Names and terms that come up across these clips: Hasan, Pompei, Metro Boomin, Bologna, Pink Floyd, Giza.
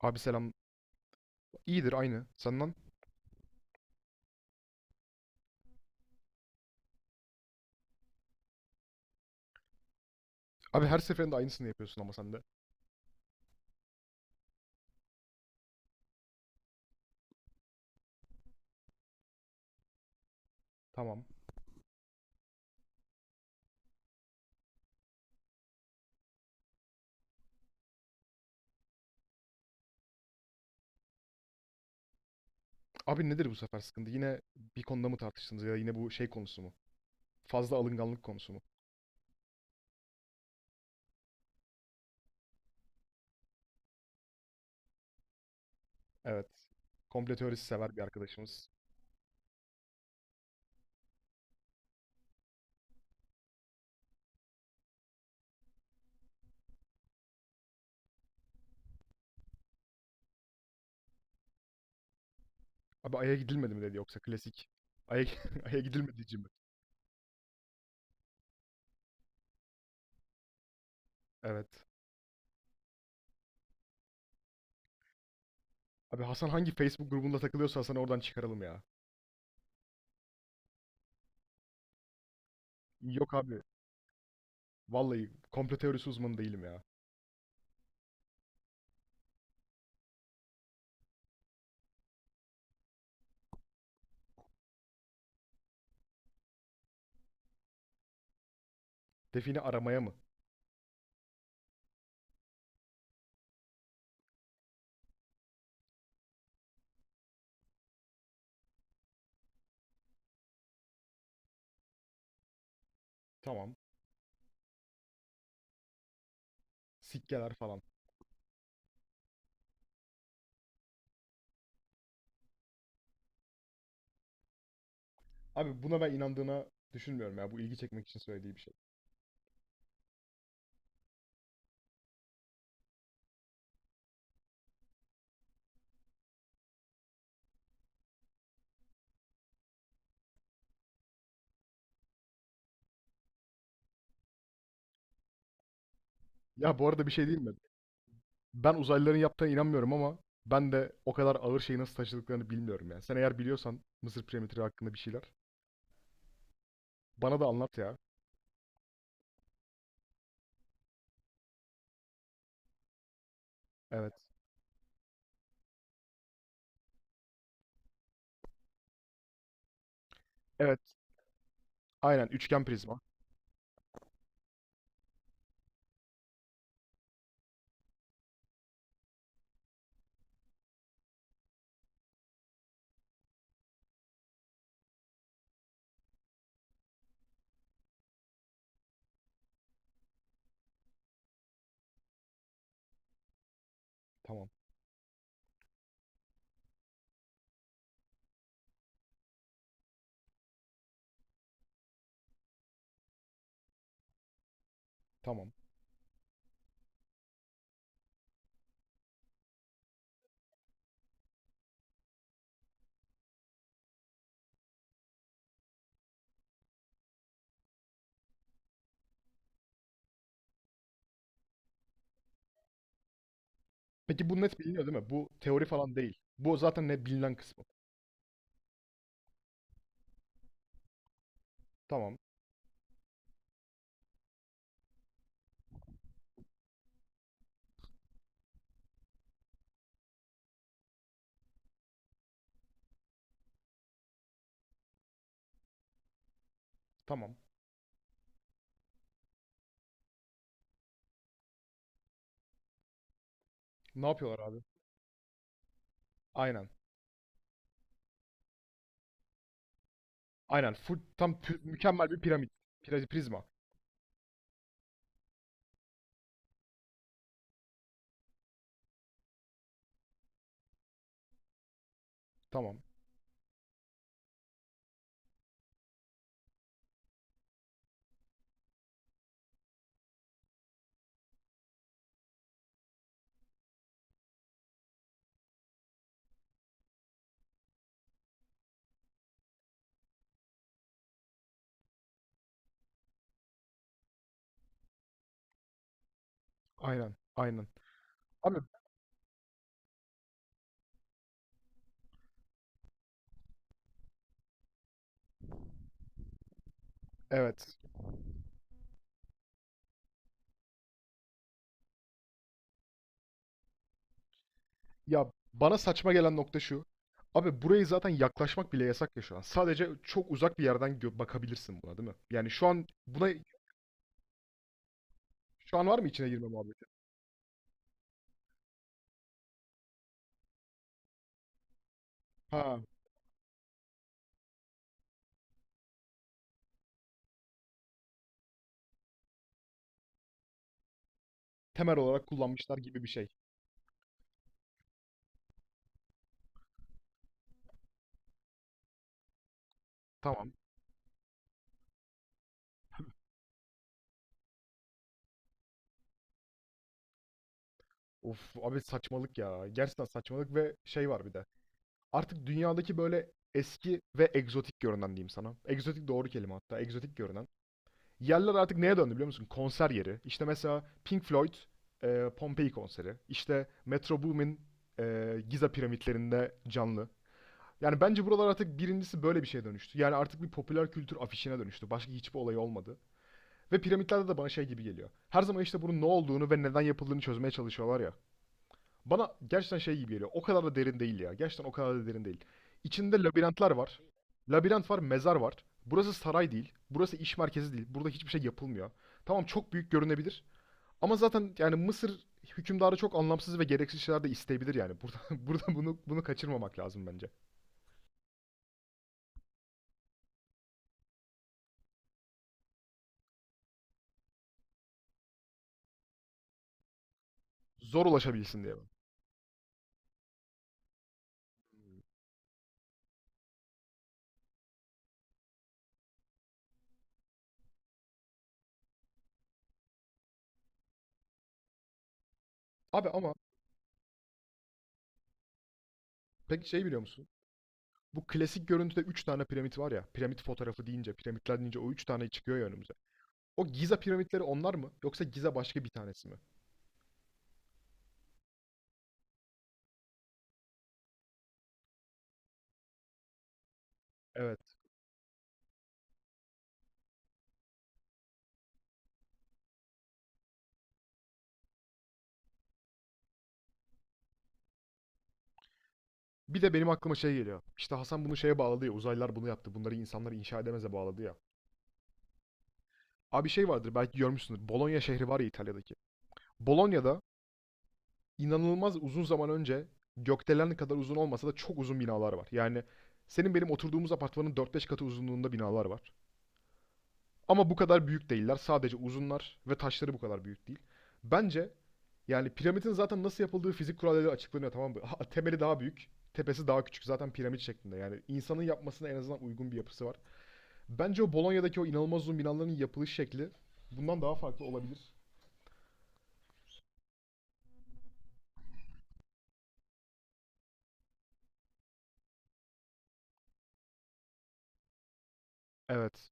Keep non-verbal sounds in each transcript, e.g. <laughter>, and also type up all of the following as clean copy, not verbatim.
Abi selam. İyidir aynı. Senden. Abi her seferinde aynısını yapıyorsun ama sen de. Tamam. Abi nedir bu sefer sıkıntı? Yine bir konuda mı tartıştınız ya da yine bu şey konusu mu? Fazla alınganlık konusu mu? Evet. Komplo teorisi sever bir arkadaşımız. Abi Ay'a gidilmedi mi dedi yoksa klasik. Ay'a, <laughs> Ay'a gidilmedi mi? Evet. Abi Hasan hangi Facebook grubunda takılıyorsa Hasan'ı oradan çıkaralım ya. Yok abi. Vallahi komplo teorisi uzmanı değilim ya. Defini aramaya mı? Tamam. Sikkeler falan. Abi buna ben inandığına düşünmüyorum ya. Bu ilgi çekmek için söylediği bir şey. Ya bu arada bir şey diyeyim mi? Ben uzaylıların yaptığına inanmıyorum ama ben de o kadar ağır şeyi nasıl taşıdıklarını bilmiyorum yani. Sen eğer biliyorsan Mısır piramitleri hakkında bir şeyler bana da anlat ya. Evet. Evet. Aynen üçgen prizma. Tamam. Tamam. Peki bu net biliniyor değil mi? Bu teori falan değil. Bu zaten ne bilinen kısmı. Tamam. Tamam. Ne yapıyorlar abi? Aynen. Aynen. Full, tam pü- mükemmel bir piramit. Pri- Prizma. Tamam. Aynen. Aynen. Abi evet. Ya bana saçma gelen nokta şu. Abi burayı zaten yaklaşmak bile yasak ya şu an. Sadece çok uzak bir yerden bakabilirsin buna, değil mi? Yani şu an buna şu an var mı içine girme muhabbeti? Ha, temel olarak kullanmışlar gibi bir şey. Tamam. Of abi saçmalık ya. Gerçekten saçmalık ve şey var bir de. Artık dünyadaki böyle eski ve egzotik görünen diyeyim sana. Egzotik doğru kelime hatta. Egzotik görünen yerler artık neye döndü biliyor musun? Konser yeri. İşte mesela Pink Floyd Pompei konseri. İşte Metro Boomin Giza piramitlerinde canlı. Yani bence buralar artık birincisi böyle bir şeye dönüştü. Yani artık bir popüler kültür afişine dönüştü. Başka hiçbir olay olmadı. Ve piramitlerde de bana şey gibi geliyor. Her zaman işte bunun ne olduğunu ve neden yapıldığını çözmeye çalışıyorlar ya. Bana gerçekten şey gibi geliyor. O kadar da derin değil ya. Gerçekten o kadar da derin değil. İçinde labirentler var. Labirent var, mezar var. Burası saray değil. Burası iş merkezi değil. Burada hiçbir şey yapılmıyor. Tamam, çok büyük görünebilir. Ama zaten yani Mısır hükümdarı çok anlamsız ve gereksiz şeyler de isteyebilir yani. Burada, <laughs> burada bunu kaçırmamak lazım bence. Zor ulaşabilsin diye. Abi ama peki şey biliyor musun? Bu klasik görüntüde 3 tane piramit var ya. Piramit fotoğrafı deyince, piramitler deyince o 3 tane çıkıyor ya önümüze. O Giza piramitleri onlar mı? Yoksa Giza başka bir tanesi mi? Evet. Bir de benim aklıma şey geliyor. İşte Hasan bunu şeye bağladı ya. Uzaylılar bunu yaptı. Bunları insanlar inşa edemeze bağladı ya. Abi şey vardır belki görmüşsündür. Bologna şehri var ya İtalya'daki. Bologna'da inanılmaz uzun zaman önce gökdelen kadar uzun olmasa da çok uzun binalar var. Yani senin benim oturduğumuz apartmanın 4-5 katı uzunluğunda binalar var. Ama bu kadar büyük değiller. Sadece uzunlar ve taşları bu kadar büyük değil. Bence yani piramidin zaten nasıl yapıldığı fizik kuralları açıklanıyor, tamam mı? Temeli daha büyük, tepesi daha küçük. Zaten piramit şeklinde. Yani insanın yapmasına en azından uygun bir yapısı var. Bence o Bolonya'daki o inanılmaz uzun binaların yapılış şekli bundan daha farklı olabilir. Evet.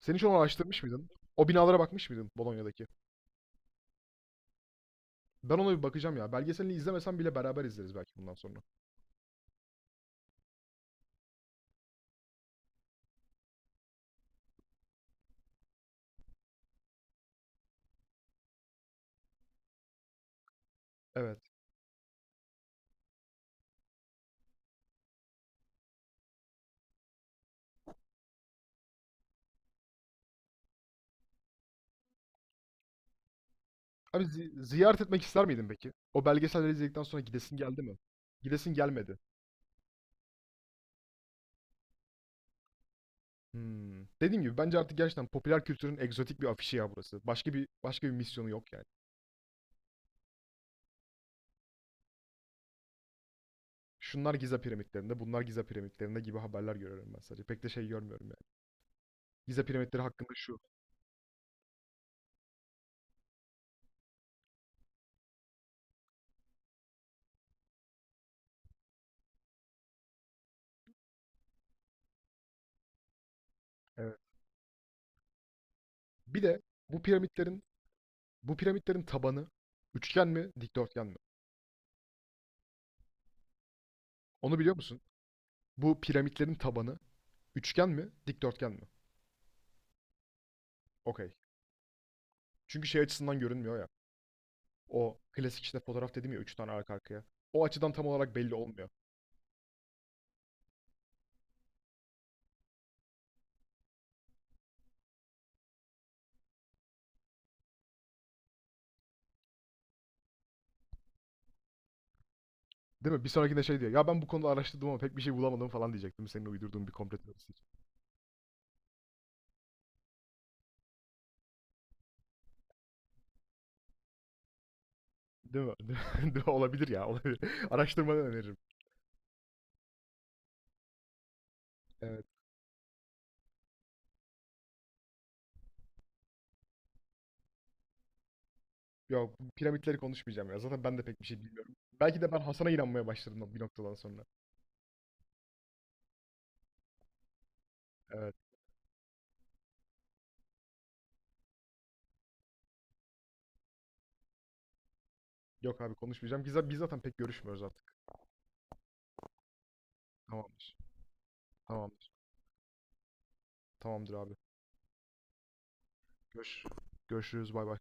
Sen hiç onu araştırmış mıydın? O binalara bakmış mıydın Bolonya'daki? Ben ona bir bakacağım ya. Belgeselini izlemesem bile beraber izleriz belki bundan sonra. Evet. Abi ziyaret etmek ister miydin peki? O belgeselleri izledikten sonra gidesin geldi mi? Gidesin gelmedi. Hmm. Dediğim gibi bence artık gerçekten popüler kültürün egzotik bir afişi ya burası. Başka bir başka bir misyonu yok yani. Şunlar Giza piramitlerinde, bunlar Giza piramitlerinde gibi haberler görüyorum ben sadece. Pek de şey görmüyorum yani. Giza piramitleri hakkında şu. Evet. Bir de bu piramitlerin bu piramitlerin tabanı üçgen mi, dikdörtgen mi? Onu biliyor musun? Bu piramitlerin tabanı üçgen mi, dikdörtgen mi? Okey. Çünkü şey açısından görünmüyor ya. O klasik işte fotoğraf dedim ya üç tane arka arkaya. O açıdan tam olarak belli olmuyor. Değil mi? Bir sonrakinde şey diyor. Ya ben bu konuda araştırdım ama pek bir şey bulamadım falan diyecektim. Senin uydurduğun bir komplo teorisi için. Değil mi? <laughs> Değil mi? Olabilir ya. Olabilir. <laughs> Araştırmanı öneririm. Evet. Yok bu piramitleri konuşmayacağım ya. Zaten ben de pek bir şey bilmiyorum. Belki de ben Hasan'a inanmaya başladım bir noktadan sonra. Evet. Yok abi konuşmayacağım. Biz zaten pek görüşmüyoruz artık. Tamamdır. Tamamdır. Tamamdır abi. Görüş, Görüşürüz. Bay bay.